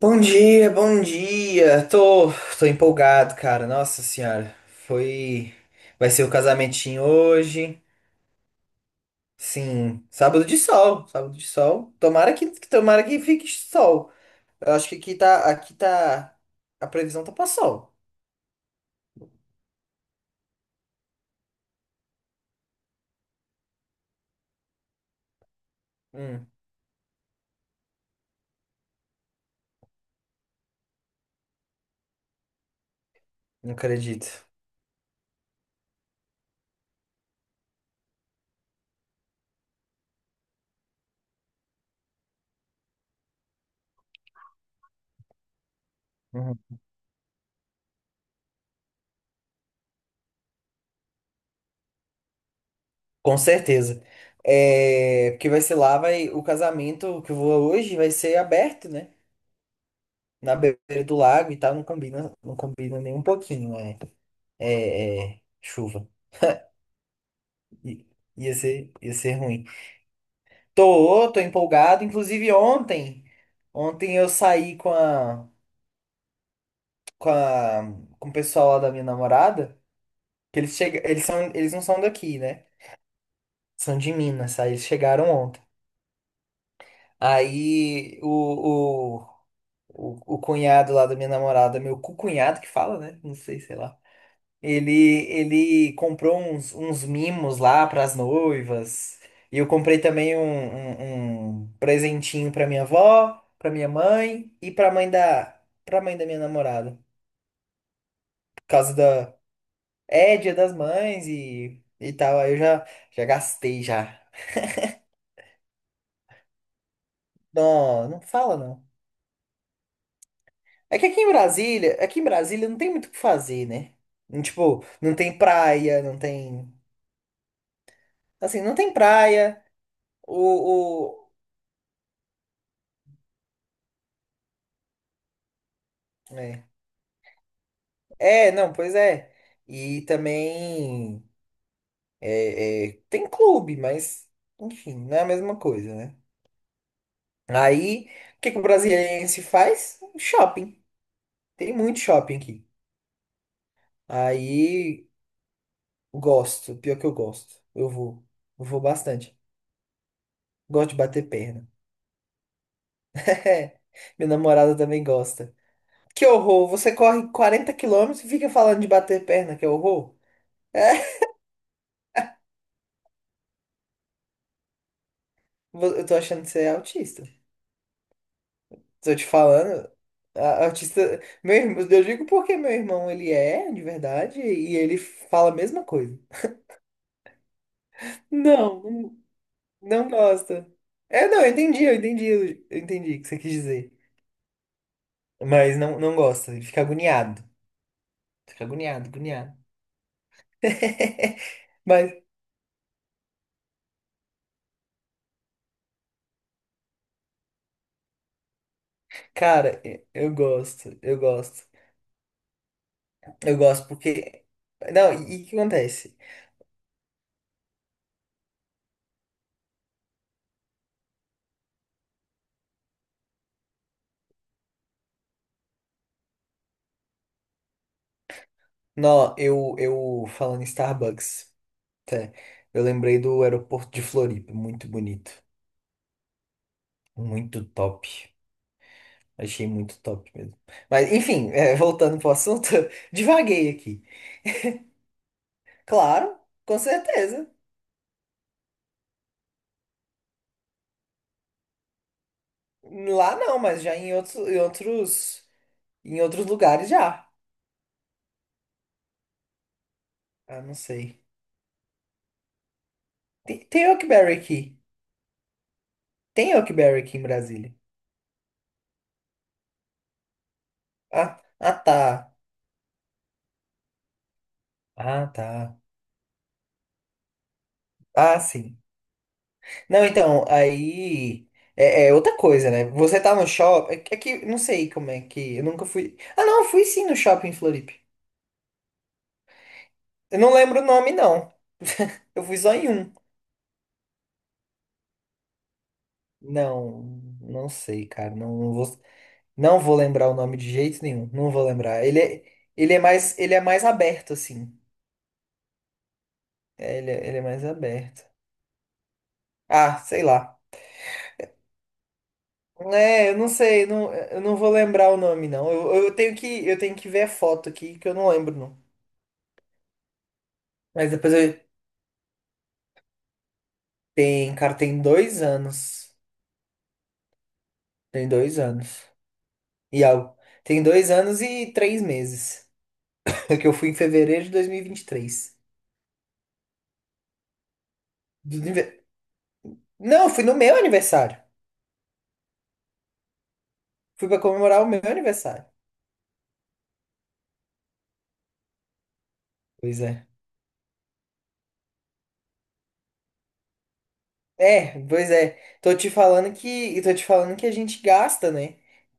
Bom dia, bom dia. Tô empolgado, cara. Nossa senhora, foi, vai ser o casamentinho hoje. Sim, sábado de sol, sábado de sol. Tomara que fique sol. Eu acho que a previsão tá pra sol. Hum, não acredito. Uhum. Com certeza. É, porque vai ser lá, o casamento que eu vou hoje vai ser aberto, né? Na beira do lago e tal, não combina, não combina nem um pouquinho, né? É, chuva. I- ia ser ruim. Tô empolgado. Inclusive ontem eu saí com a, com o pessoal lá da minha namorada, que eles chega, eles são, eles não são daqui, né? São de Minas, aí eles chegaram ontem. Aí o, o cunhado lá da minha namorada, meu co-cunhado que fala, né? Não sei, sei lá. Ele, ele comprou uns mimos lá para as noivas. E eu comprei também um presentinho para minha avó, para minha mãe e para mãe da minha namorada. Por causa da, é Dia das Mães e tal. Aí eu já gastei já. Não, não fala não. É que aqui em Brasília não tem muito o que fazer, né? Tipo, não tem praia, não tem praia. O, é. É, não, pois é. E também tem clube, mas enfim, não é a mesma coisa, né? Aí, o que que o brasiliense faz? Shopping. Tem muito shopping aqui. Aí, gosto. Pior que eu gosto. Eu vou. Eu vou bastante. Gosto de bater perna. É, minha namorada também gosta. Que horror! Você corre 40 km e fica falando de bater perna, que horror! Eu tô achando que você é autista. Tô te falando, a artista. Meu irmão, eu digo porque meu irmão ele é de verdade e ele fala a mesma coisa. Não, não gosta. É, não, eu entendi, eu entendi, eu entendi o que você quis dizer. Mas não, não gosta, ele fica agoniado. Fica agoniado, agoniado. Mas, cara, eu gosto, eu gosto. Eu gosto porque. Não, e o que acontece? Não, eu falando em Starbucks, até, eu lembrei do aeroporto de Floripa, muito bonito. Muito top. Achei muito top mesmo. Mas, enfim, voltando pro assunto, divaguei aqui. Claro, com certeza. Lá não, mas já em outros lugares já. Ah, não sei. Tem Oakberry aqui. Tem Oakberry aqui em Brasília. Ah, tá. Ah, tá. Ah, sim. Não, então, aí é outra coisa, né? Você tá no shopping. É que não sei como é que. Eu nunca fui. Ah, não, fui sim no shopping em Floripa. Eu não lembro o nome, não. Eu fui só em um. Não, não sei, cara. Não, não vou lembrar o nome de jeito nenhum. Não vou lembrar. Ele é mais aberto, assim. É, ele é mais aberto. Ah, sei lá. É, eu não sei, não, eu não vou lembrar o nome, não. Eu tenho que ver a foto aqui, que eu não lembro, não. Mas depois eu... Tem, cara, tem dois anos. Tem dois anos. E algo. Tem dois anos e três meses. Que eu fui em fevereiro de dois mil e vinte e três. Do anive- Não, fui no meu aniversário. Fui pra comemorar o meu aniversário. Pois é. É, pois é. Tô te falando que a gente gasta, né?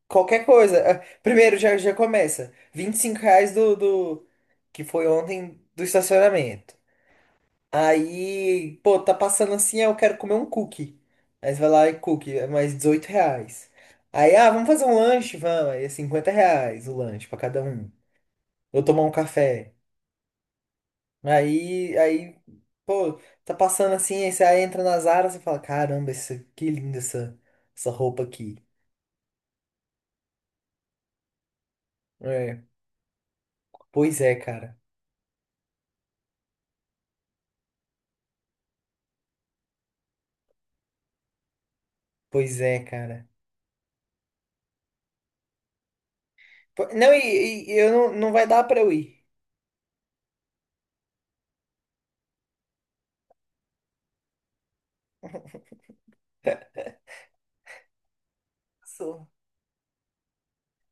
Qualquer coisa. Ah, primeiro já começa. 25 reais do que foi ontem do estacionamento. Aí, pô, tá passando assim, eu quero comer um cookie. Aí você vai lá e cookie, é mais 18 reais. Aí, ah, vamos fazer um lanche, vamos. Aí é R$ 50 o lanche pra cada um. Ou tomar um café. Aí, pô, tá passando assim, aí você aí entra na Zara, você fala, caramba, que linda essa roupa aqui. É, pois é, cara. Pois é, cara. Não, e eu não vai dar pra eu ir. Sou.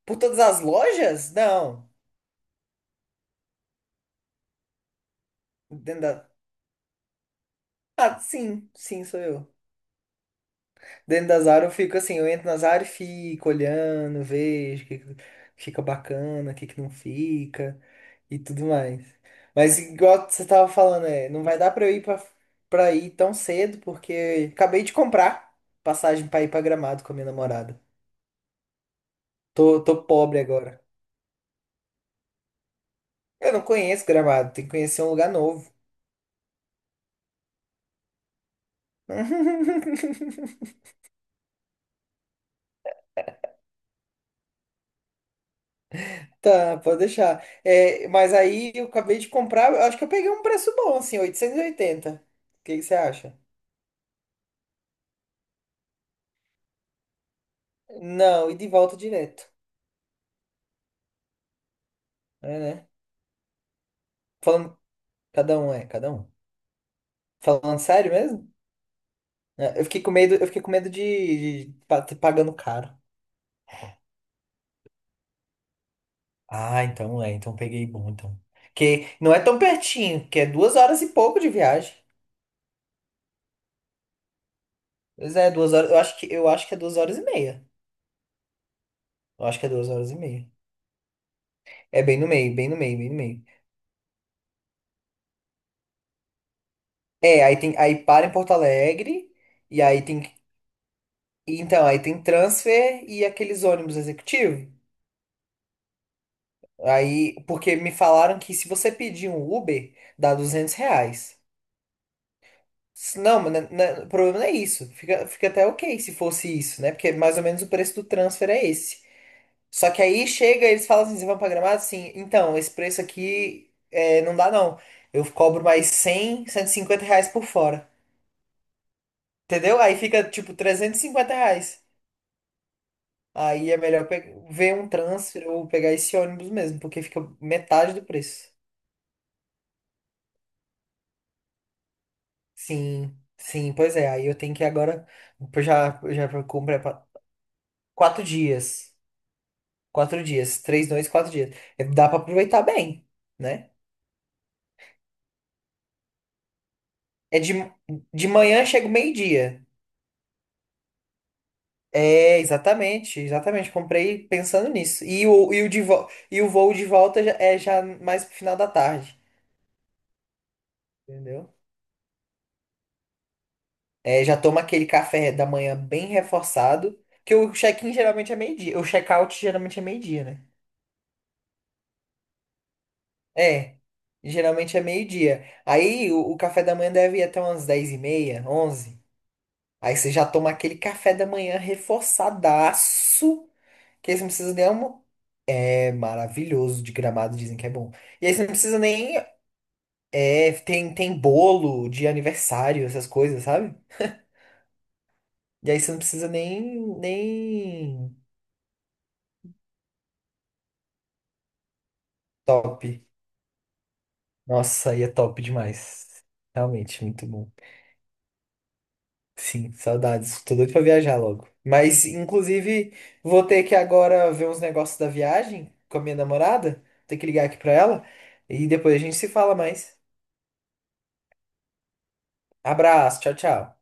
Por todas as lojas? Não. Dentro da... Ah, sim, sim, sou eu. Dentro das áreas eu fico assim, eu entro nas áreas e fico olhando, vejo o que que fica bacana, o que que não fica e tudo mais. Mas igual você tava falando, não vai dar pra eu ir pra, ir tão cedo, porque acabei de comprar passagem pra ir pra Gramado com a minha namorada. Tô pobre agora. Eu não conheço Gramado, tem que conhecer um lugar novo. Tá, pode deixar. É, mas aí eu acabei de comprar, eu acho que eu peguei um preço bom, assim, 880. O que que você acha? Não, e de volta direto. É, né? Falando, cada um é, cada um. Falando sério mesmo? É, eu fiquei com medo de ter pagando caro. Ah, então é, então peguei bom, então. Que não é tão pertinho, que é 2 horas e pouco de viagem. Pois é, duas horas, eu acho que é 2 horas e meia. Eu acho que é duas horas e meia. É bem no meio, bem no meio, bem no meio. É, aí para em Porto Alegre, e aí tem transfer e aqueles ônibus executivos. Aí, porque me falaram que se você pedir um Uber, dá 200 reais. Não, mas né, o problema não é isso. Fica até ok se fosse isso, né? Porque mais ou menos o preço do transfer é esse. Só que aí chega, eles falam assim, vocês vão pra Gramado? Sim. Então, esse preço aqui não dá não. Eu cobro mais cem 150 reais por fora. Entendeu? Aí fica tipo 350 reais. Aí é melhor ver um transfer ou pegar esse ônibus mesmo, porque fica metade do preço. Sim, sim, pois é. Aí eu tenho que agora. Eu já comprei. 4 dias. 4 dias. 3 noites, 4 dias. É, dá pra aproveitar bem, né? É de manhã chega o meio-dia. É, exatamente, exatamente. Comprei pensando nisso. E o voo de volta é já mais pro final da tarde, entendeu? É, já toma aquele café da manhã bem reforçado, que o check-in geralmente é meio-dia. O check-out geralmente é meio-dia, né? É, geralmente é meio-dia. Aí o café da manhã deve ir até umas 10 e meia, onze. Aí você já toma aquele café da manhã reforçadaço, que aí você não precisa nem almo... É maravilhoso, de Gramado dizem que é bom. E aí você não precisa nem... É, tem bolo de aniversário, essas coisas, sabe? E aí você não precisa nem... Nem... Top. Nossa, aí é top demais. Realmente, muito bom. Sim, saudades. Tô doido pra viajar logo. Mas, inclusive, vou ter que agora ver uns negócios da viagem com a minha namorada. Vou ter que ligar aqui pra ela. E depois a gente se fala mais. Abraço, tchau, tchau.